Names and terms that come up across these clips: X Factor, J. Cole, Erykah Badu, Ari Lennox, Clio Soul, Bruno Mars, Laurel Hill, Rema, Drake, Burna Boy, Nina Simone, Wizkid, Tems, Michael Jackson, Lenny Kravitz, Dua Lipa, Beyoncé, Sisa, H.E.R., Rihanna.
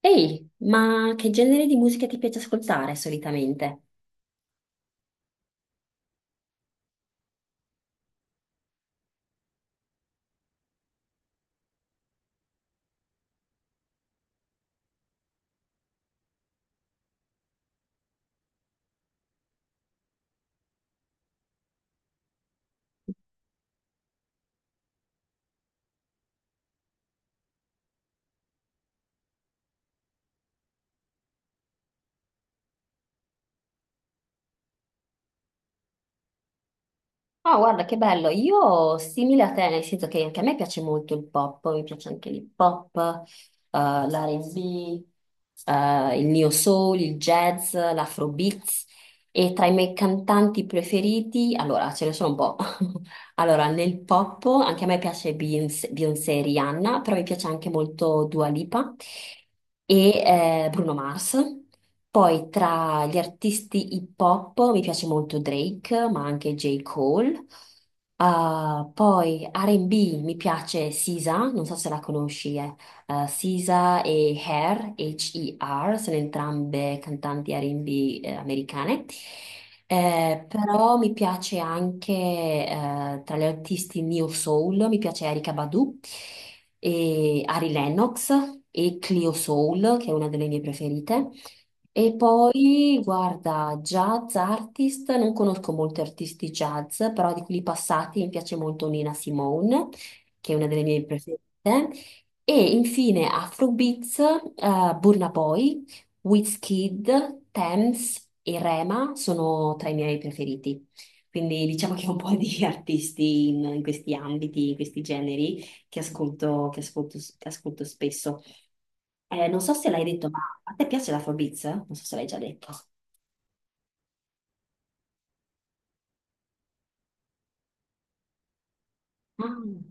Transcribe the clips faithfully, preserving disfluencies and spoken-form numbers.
Ehi, ma che genere di musica ti piace ascoltare solitamente? Ah, guarda che bello, io simile a te, nel senso che anche a me piace molto il pop, mi piace anche l'hip hop, eh, l'R and B, eh, il neo soul, il jazz, l'afrobeats e tra i miei cantanti preferiti, allora ce ne sono un po', Allora, nel pop anche a me piace Beyoncé, Beyoncé e Rihanna, però mi piace anche molto Dua Lipa e eh, Bruno Mars. Poi tra gli artisti hip hop mi piace molto Drake, ma anche J. Cole. Ah, poi R and B mi piace Sisa, non so se la conosci, eh, Sisa e Her, H E R, sono entrambe cantanti R and B eh, americane. Eh, però mi piace anche eh, tra gli artisti Neo Soul, mi piace Erykah Badu e Ari Lennox e Clio Soul, che è una delle mie preferite. E poi, guarda, jazz artist, non conosco molti artisti jazz, però di quelli passati mi piace molto Nina Simone, che è una delle mie preferite. E infine Afrobeats, eh, Burna Boy, Wizkid, Tems e Rema sono tra i miei preferiti. Quindi diciamo che ho un po' di artisti in, in questi ambiti, in questi generi che ascolto, che ascolto- che ascolto spesso. Eh, non so se l'hai detto, ma a te piace l'Afrobeats? Non so se l'hai già detto. Ah.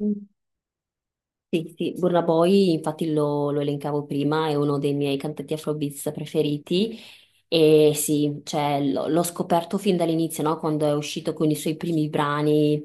Mm. Sì, sì, Burna Boy, infatti lo, lo elencavo prima, è uno dei miei cantanti Afrobeats preferiti e sì, cioè, lo- l'ho scoperto fin dall'inizio, no? Quando è uscito con i suoi primi brani,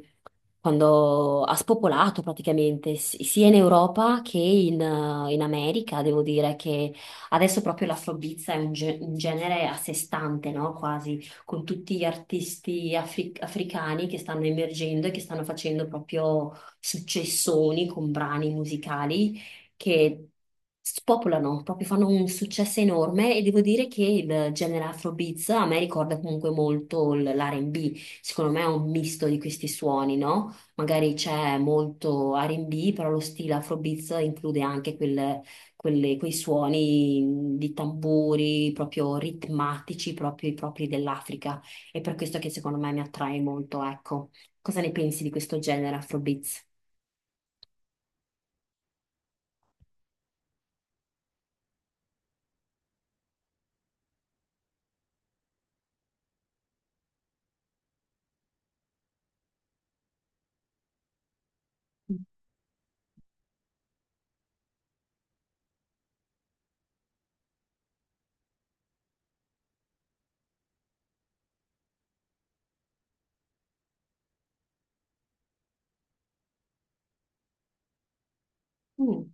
quando ha spopolato praticamente si- sia in Europa che in, eh, in America, devo dire che adesso proprio l'afrobeats è un, ge- un genere a sé stante, no? Quasi, con tutti gli artisti afri- africani che stanno emergendo e che stanno facendo proprio successoni con brani musicali che spopolano, proprio fanno un successo enorme e devo dire che il genere Afrobeats a me ricorda comunque molto l- l'R and B, secondo me è un misto di questi suoni, no? Magari c'è molto R and B, però lo stile Afrobeats include anche quel- quelle- quei suoni di tamburi proprio ritmatici, proprio i propri dell'Africa. È per questo che secondo me mi attrae molto, ecco. Cosa ne pensi di questo genere Afrobeats? Mm.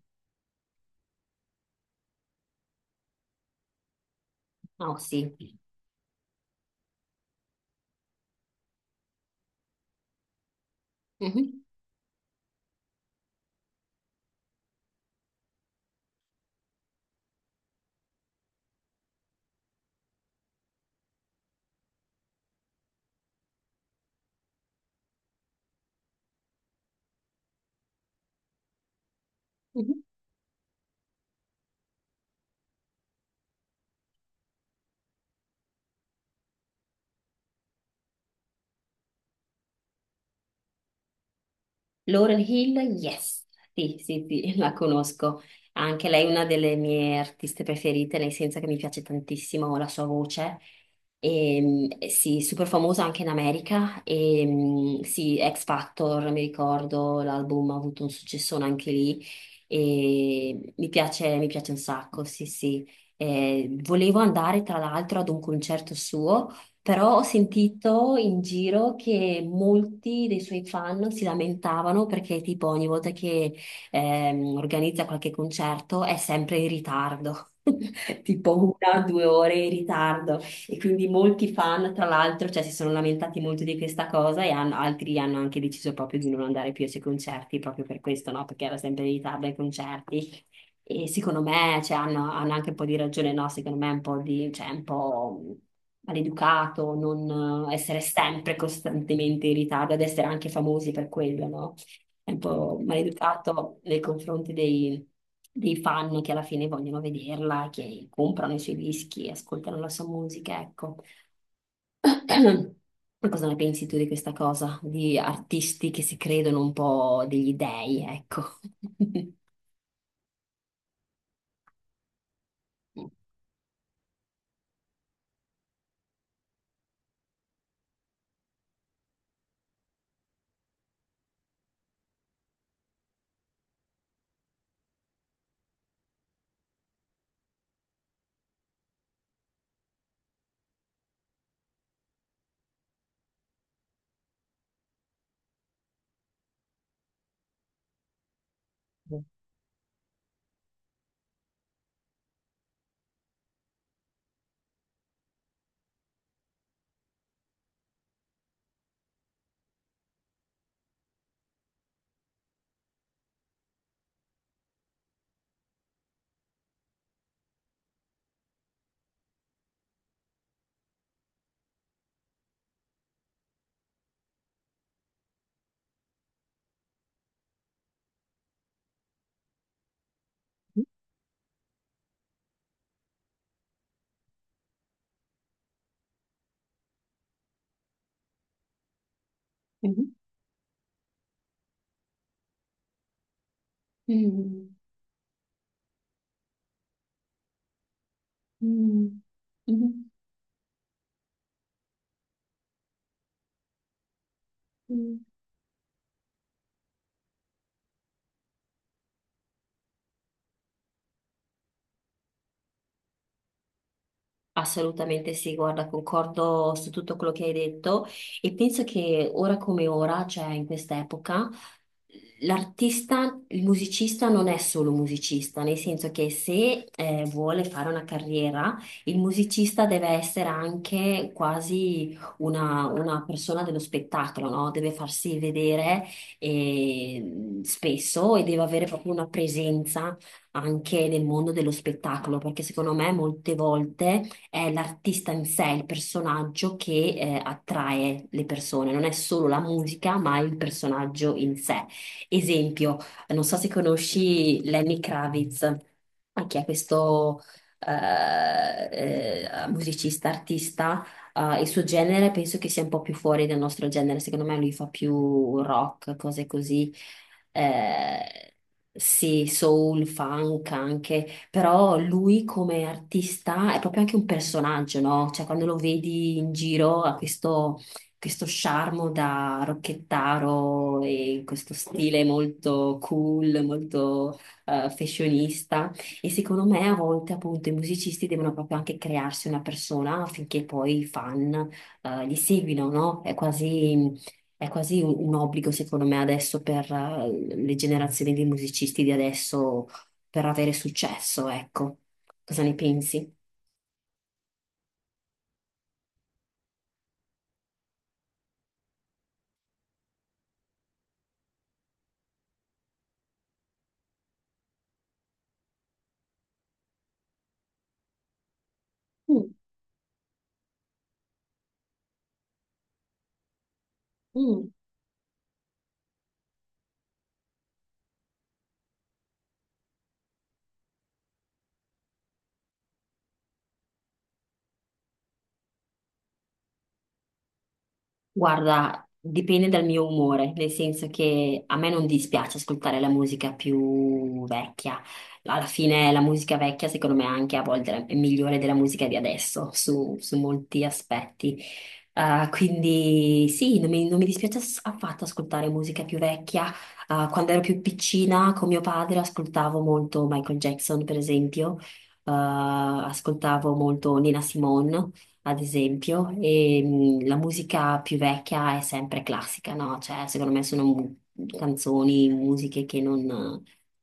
Oh sì. Mhm. Mhm. Laurel Hill, yes, sì, sì, sì, la conosco. Anche lei è una delle mie artiste preferite, nel senso che mi piace tantissimo la sua voce. E, mh, sì, super famosa anche in America. E, mh, sì, X Factor, mi ricordo, l'album ha avuto un successone anche lì. E mi piace, mi piace un sacco, sì, sì. Eh, volevo andare tra l'altro ad un concerto suo però ho sentito in giro che molti dei suoi fan si lamentavano perché tipo ogni volta che ehm, organizza qualche concerto è sempre in ritardo, tipo una o due ore in ritardo. E quindi molti fan, tra l'altro, cioè, si sono lamentati molto di questa cosa e hanno- altri hanno anche deciso proprio di non andare più ai suoi concerti proprio per questo, no? Perché era sempre in ritardo ai concerti. E secondo me, cioè, hanno, hanno anche un po' di ragione, no? Secondo me è un po' di, cioè, un po' maleducato non eh, essere sempre costantemente in ritardo, ad essere anche famosi per quello, no? È un po' maleducato nei confronti dei, dei fan che alla fine vogliono vederla, che comprano i suoi dischi, ascoltano la sua musica, ecco. Ma cosa ne pensi tu di questa cosa? Di artisti che si credono un po' degli dei, ecco. Mhm. Mm. Hm. Mhm. Mhm. Assolutamente sì, guarda, concordo su tutto quello che hai detto e penso che ora come ora, cioè in questa epoca, l'artista, il musicista non è solo musicista, nel senso che se eh, vuole fare una carriera, il musicista deve essere anche quasi una, una persona dello spettacolo, no? Deve farsi vedere eh, spesso e deve avere proprio una presenza anche nel mondo dello spettacolo, perché secondo me molte volte è l'artista in sé, il personaggio che eh, attrae le persone, non è solo la musica, ma il personaggio in sé. Esempio, non so se conosci Lenny Kravitz, anche è questo eh, eh, musicista, artista. Eh, il suo genere penso che sia un po' più fuori del nostro genere, secondo me lui fa più rock, cose così, eh, sì, soul, funk anche, però lui come artista è proprio anche un personaggio, no? Cioè quando lo vedi in giro ha questo, questo charme da rocchettaro e questo stile molto cool, molto eh, fashionista e secondo me a volte appunto i musicisti devono proprio anche crearsi una persona affinché poi i fan eh, li seguino, no? È quasi... È quasi un, un obbligo, secondo me, adesso per eh, le generazioni di musicisti di adesso per avere successo, ecco. Cosa ne pensi? Mm, mm. Guarda, dipende dal mio umore, nel senso che a me non dispiace ascoltare la musica più vecchia. Alla fine la musica vecchia, secondo me, anche a volte è migliore della musica di adesso, su, su molti aspetti. Eh, quindi sì, non mi, non mi dispiace ass- affatto ascoltare musica più vecchia. Eh, quando ero più piccina con mio padre ascoltavo molto Michael Jackson, per esempio. Eh, ascoltavo molto Nina Simone, ad esempio, e mh, la musica più vecchia è sempre classica, no? Cioè, secondo me sono mu- canzoni, musiche che non,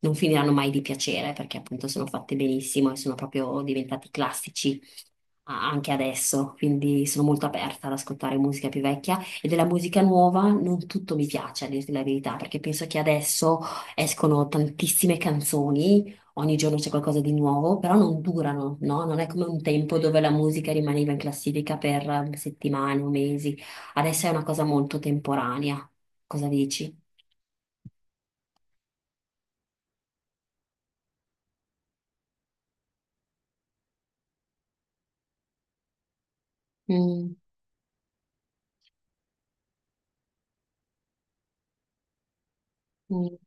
non finiranno mai di piacere perché appunto sono fatte benissimo e sono proprio diventati classici a- anche adesso, quindi sono molto aperta ad ascoltare musica più vecchia e della musica nuova non tutto mi piace, a dirti la verità, perché penso che adesso escono tantissime canzoni, ogni giorno c'è qualcosa di nuovo, però non durano, no? Non è come un tempo dove la musica rimaneva in classifica per eh, settimane o mesi, adesso è una cosa molto temporanea. Cosa dici? Mm, mm.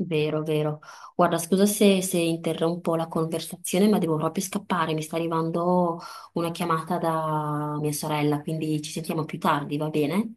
Vero, vero. Guarda, scusa se, se interrompo la conversazione, ma devo proprio scappare. Mi sta arrivando una chiamata da mia sorella, quindi ci sentiamo più tardi, va bene?